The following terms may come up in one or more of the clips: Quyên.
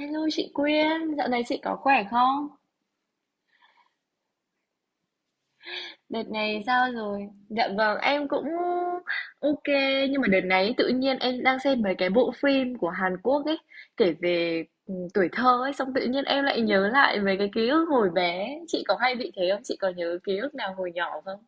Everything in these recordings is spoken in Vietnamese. Hello chị Quyên, dạo này chị có khỏe không? Đợt này sao rồi? Dạ vâng, em cũng ok nhưng mà đợt này tự nhiên em đang xem mấy cái bộ phim của Hàn Quốc ấy kể về tuổi thơ ấy xong tự nhiên em lại nhớ lại về cái ký ức hồi bé. Chị có hay bị thế không? Chị có nhớ ký ức nào hồi nhỏ không?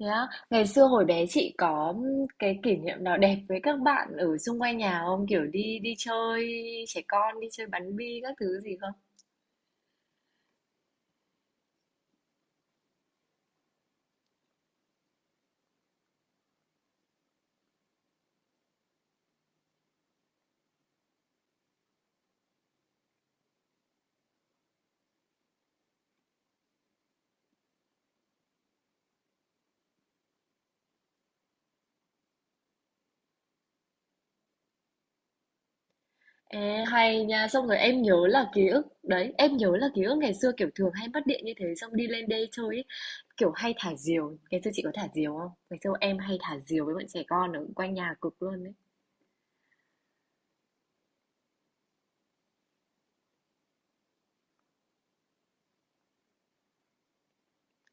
Thế á. Ngày xưa hồi bé chị có cái kỷ niệm nào đẹp với các bạn ở xung quanh nhà không? Kiểu đi đi chơi trẻ con, đi chơi bắn bi các thứ gì không? À, hay nha, xong rồi em nhớ là ký ức đấy, em nhớ là ký ức ngày xưa kiểu thường hay mất điện như thế xong đi lên đê chơi ấy, kiểu hay thả diều. Ngày xưa chị có thả diều không? Ngày xưa em hay thả diều với bọn trẻ con ở quanh nhà cực luôn đấy.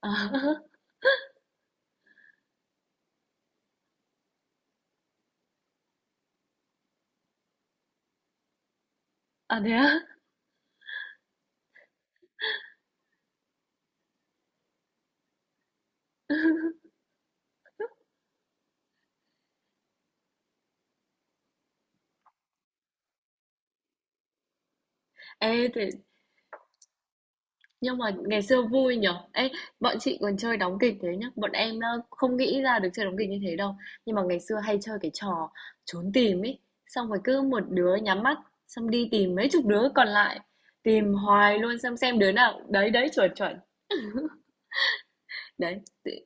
À, à thế á? Ê, thế nhưng mà ngày xưa vui nhở. Ê, bọn chị còn chơi đóng kịch thế nhá. Bọn em không nghĩ ra được chơi đóng kịch như thế đâu. Nhưng mà ngày xưa hay chơi cái trò trốn tìm ấy. Xong rồi cứ một đứa nhắm mắt, xong đi tìm mấy chục đứa còn lại. Tìm hoài luôn xem đứa nào. Đấy, đấy, chuẩn, chuẩn. Đấy.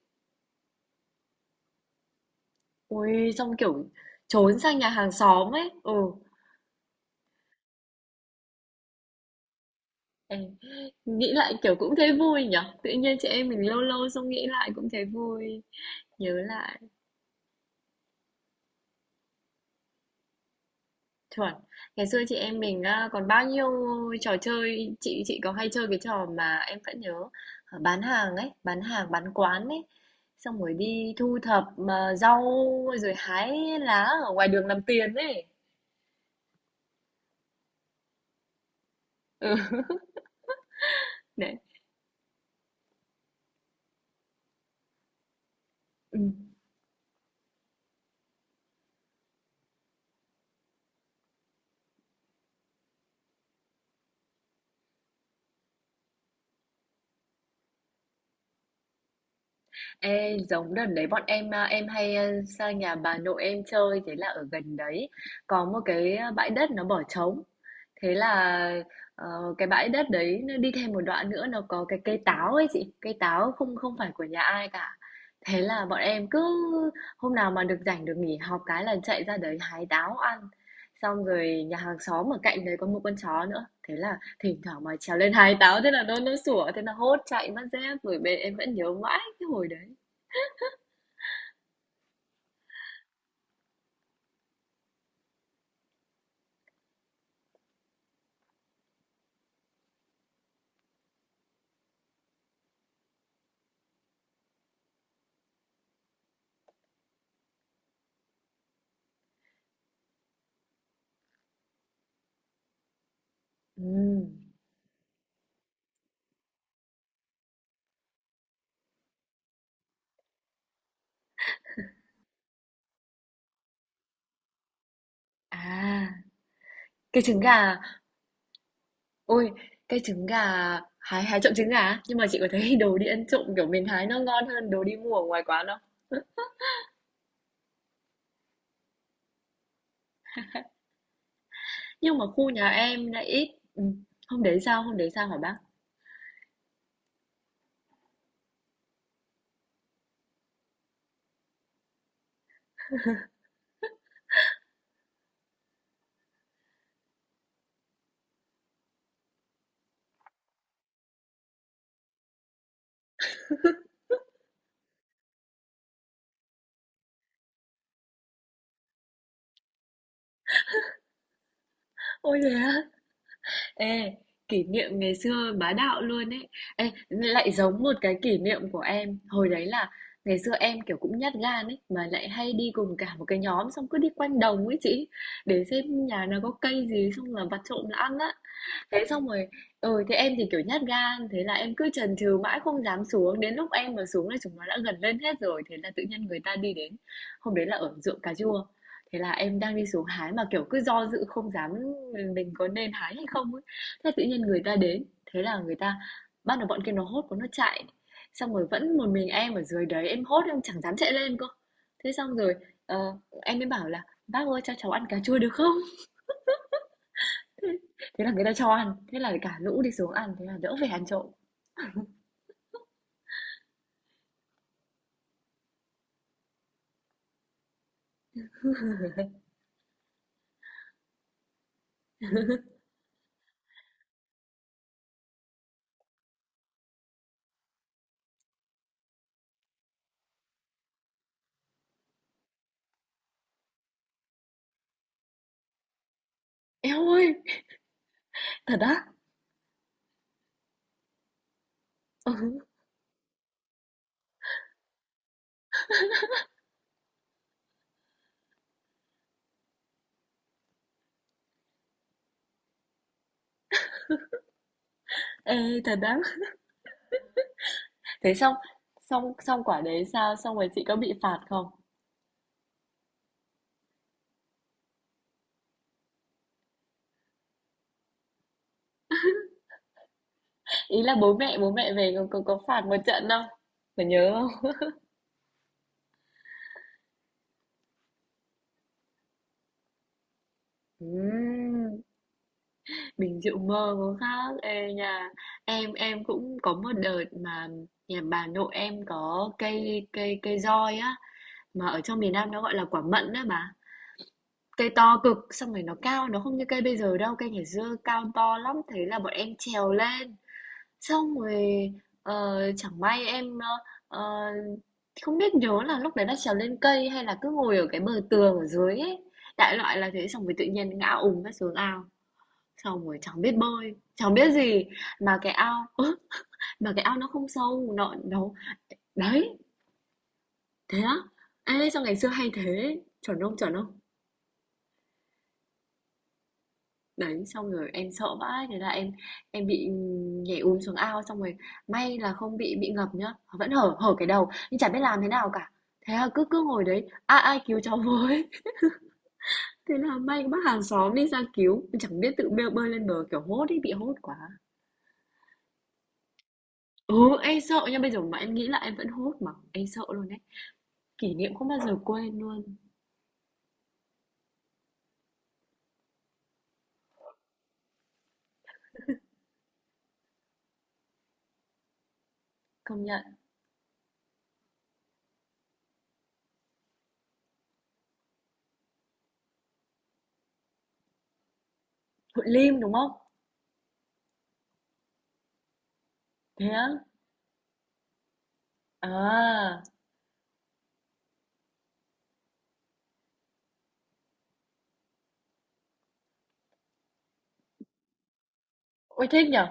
Ui, xong kiểu trốn sang nhà hàng xóm ấy. Ừ. Ê, nghĩ lại kiểu cũng thấy vui nhở. Tự nhiên chị em mình lâu lâu xong nghĩ lại cũng thấy vui. Nhớ lại. Chuẩn. Ngày xưa chị em mình á, còn bao nhiêu trò chơi, chị có hay chơi cái trò mà em vẫn nhớ, ờ, bán hàng ấy, bán hàng, bán quán ấy. Xong rồi đi thu thập mà rau rồi hái lá ở ngoài đường làm tiền ấy. Ừ. Đấy. Ừ. Ê, giống đợt đấy bọn em à, em hay à, sang nhà bà nội em chơi thế là ở gần đấy có một cái bãi đất nó bỏ trống thế là ờ, cái bãi đất đấy nó đi thêm một đoạn nữa nó có cái cây táo ấy chị, cây táo không, không phải của nhà ai cả, thế là bọn em cứ hôm nào mà được rảnh được nghỉ học cái là chạy ra đấy hái táo ăn, xong rồi nhà hàng xóm ở cạnh đấy có một con chó nữa, thế là thỉnh thoảng mà trèo lên hái táo thế là nó sủa, thế là hốt chạy mất dép rồi, bên em vẫn nhớ mãi cái hồi đấy. Ừm, à, cái trứng gà, ôi, cái trứng gà, hái hái trộm trứng gà á? Nhưng mà chị có thấy đồ đi ăn trộm, kiểu, mình hái nó ngon hơn đồ đi mua ở ngoài quán không? Nhưng mà khu nhà em lại ít. Hôm đấy sao hả bác? Ôi, thế á? Ê, kỷ niệm ngày xưa bá đạo luôn ấy. Ê, lại giống một cái kỷ niệm của em. Hồi đấy là ngày xưa em, kiểu, cũng nhát gan ấy, mà lại hay đi cùng cả một cái nhóm, xong cứ đi quanh đồng ấy chị, để xem nhà nào có cây gì xong là vặt trộm là ăn á. Thế xong rồi thế em thì, kiểu, nhát gan, thế là em cứ chần chừ mãi không dám xuống, đến lúc em mà xuống là chúng nó đã gần lên hết rồi, thế là tự nhiên người ta đi đến. Hôm đấy là ở ruộng cà chua, thế là em đang đi xuống hái mà, kiểu, cứ do dự không dám mình có nên hái hay không ấy. Thế tự nhiên người ta đến, thế là người ta bắt đầu, bọn kia nó hốt của nó chạy, xong rồi vẫn một mình em ở dưới đấy, em hốt em chẳng dám chạy lên cơ. Thế xong rồi, ờ, em mới bảo là "Bác ơi cho cháu ăn cà chua được không?" Thế là người ta cho ăn, thế là cả lũ đi xuống ăn, thế là đỡ phải ăn trộm. Eo ơi, thật á? Ừ, ê, thật á? Thế xong, xong, xong quả đấy sao? Xong rồi chị có bị phạt không? Ý là bố mẹ về có phạt một trận không? Có nhớ không? Ừm, mình chịu mơ có khác. Ê, nhà em cũng có một đợt mà nhà bà nội em có cây cây cây roi á, mà ở trong miền Nam nó gọi là quả mận á bà. Cây to cực, xong rồi nó cao, nó không như cây bây giờ đâu, cây ngày xưa cao to lắm, thế là bọn em trèo lên. Xong rồi chẳng may em ờ, không biết nhớ là lúc đấy là trèo lên cây hay là cứ ngồi ở cái bờ tường ở dưới ấy. Đại loại là thế, xong rồi tự nhiên ngã ùm ra xuống ao. Xong rồi chẳng biết bơi, chẳng biết gì mà cái ao ớ, mà cái ao nó không sâu, nó đấy, thế á. Ê sao ngày xưa hay thế, chuẩn không chuẩn không? Đấy, xong rồi em sợ vãi, thế là em bị nhảy úm xuống ao, xong rồi may là không bị ngập nhá, vẫn hở hở cái đầu, nhưng chả biết làm thế nào cả. Thế là cứ cứ ngồi đấy, ai ai cứu cháu với. Thế là may bác hàng xóm đi ra cứu, mình chẳng biết tự bơi, bơi lên bờ kiểu hốt ấy, bị hốt quá. Ừ, em sợ nha, bây giờ mà em nghĩ là em vẫn hốt mà, em sợ luôn đấy. Kỷ niệm không bao giờ quên luôn, công nhận. Hội Lim đúng không? Thế á? À, ôi thích nhở?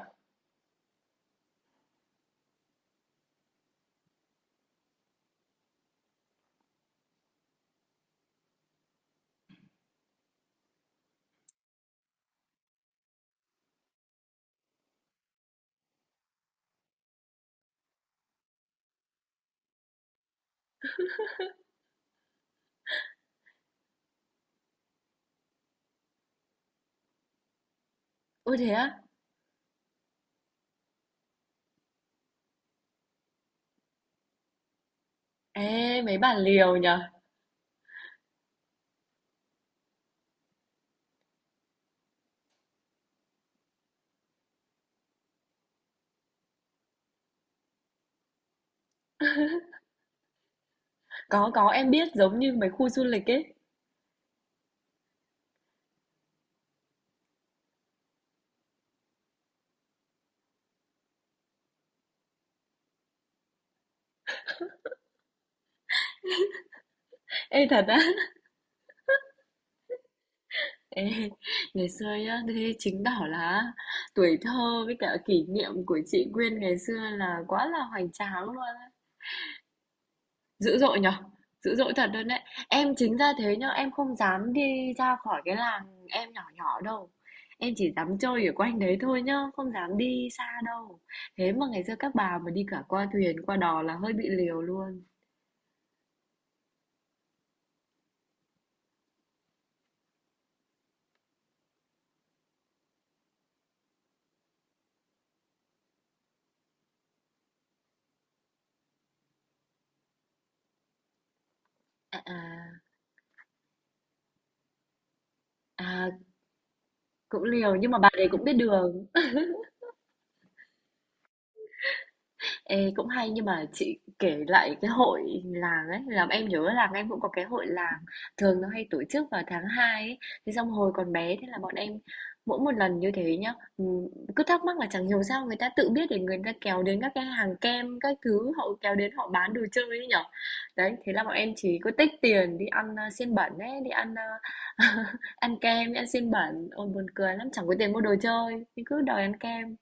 Ôi thế á? Ê, mấy bà liều nhở? Có, em biết giống như mấy khu du lịch ấy. Ê thật á. Ê, ngày xưa nhá, thế chứng tỏ là tuổi thơ với cả kỷ niệm của chị Quyên ngày xưa là quá là hoành tráng luôn á. Dữ dội nhở? Dữ dội thật luôn đấy. Em chính ra thế nhá, em không dám đi ra khỏi cái làng em nhỏ nhỏ đâu. Em chỉ dám chơi ở quanh đấy thôi nhá, không dám đi xa đâu. Thế mà ngày xưa các bà mà đi cả qua thuyền, qua đò là hơi bị liều luôn. À, à, à, cũng liều nhưng mà bà đấy cũng biết đường. Ê, cũng hay nhưng mà chị kể lại cái hội làng ấy làm em nhớ là em cũng có cái hội làng, thường nó hay tổ chức vào tháng 2 ấy, thế xong hồi còn bé thế là bọn em mỗi một lần như thế nhá cứ thắc mắc là chẳng hiểu sao người ta tự biết để người ta kéo đến các cái hàng kem các thứ họ kéo đến họ bán đồ chơi ấy nhở. Đấy thế là bọn em chỉ có tích tiền đi ăn xiên bẩn ấy, đi ăn ờ, ăn kem đi ăn xiên bẩn, ôi buồn cười lắm, chẳng có tiền mua đồ chơi nhưng cứ đòi ăn kem.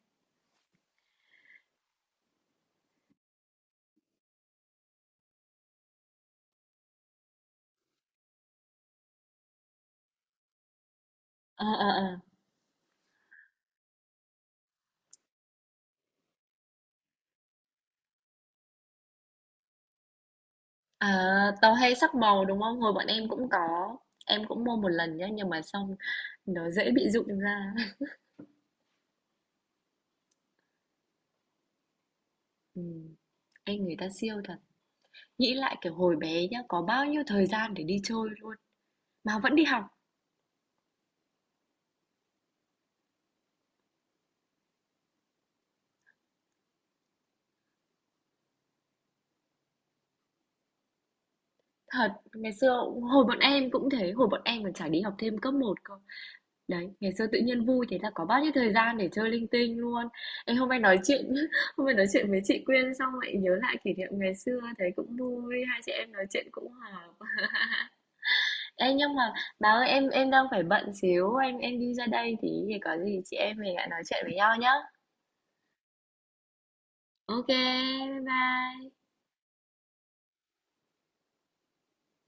Ờ ờ ờ. À, tàu hay sắc màu, đúng không? Hồi bọn em cũng có, em cũng mua một lần nhá, nhưng mà xong nó dễ bị rụng ra. Ừm, anh người ta siêu thật. Nghĩ lại kiểu hồi bé nhá, có bao nhiêu thời gian để đi chơi luôn mà vẫn đi học. Thật, ngày xưa hồi bọn em cũng thế, hồi bọn em còn chả đi học thêm cấp một cơ. Đấy, ngày xưa tự nhiên vui thế là có bao nhiêu thời gian để chơi linh tinh luôn. Em hôm nay nói chuyện hôm nay nói chuyện với chị Quyên xong lại nhớ lại kỷ niệm ngày xưa thấy cũng vui, hai chị em nói chuyện cũng hòa. Ê, nhưng mà bà ơi em đang phải bận xíu, em đi ra đây tí thì có gì chị em mình lại nói chuyện với nhau nhá. Ok bye bye.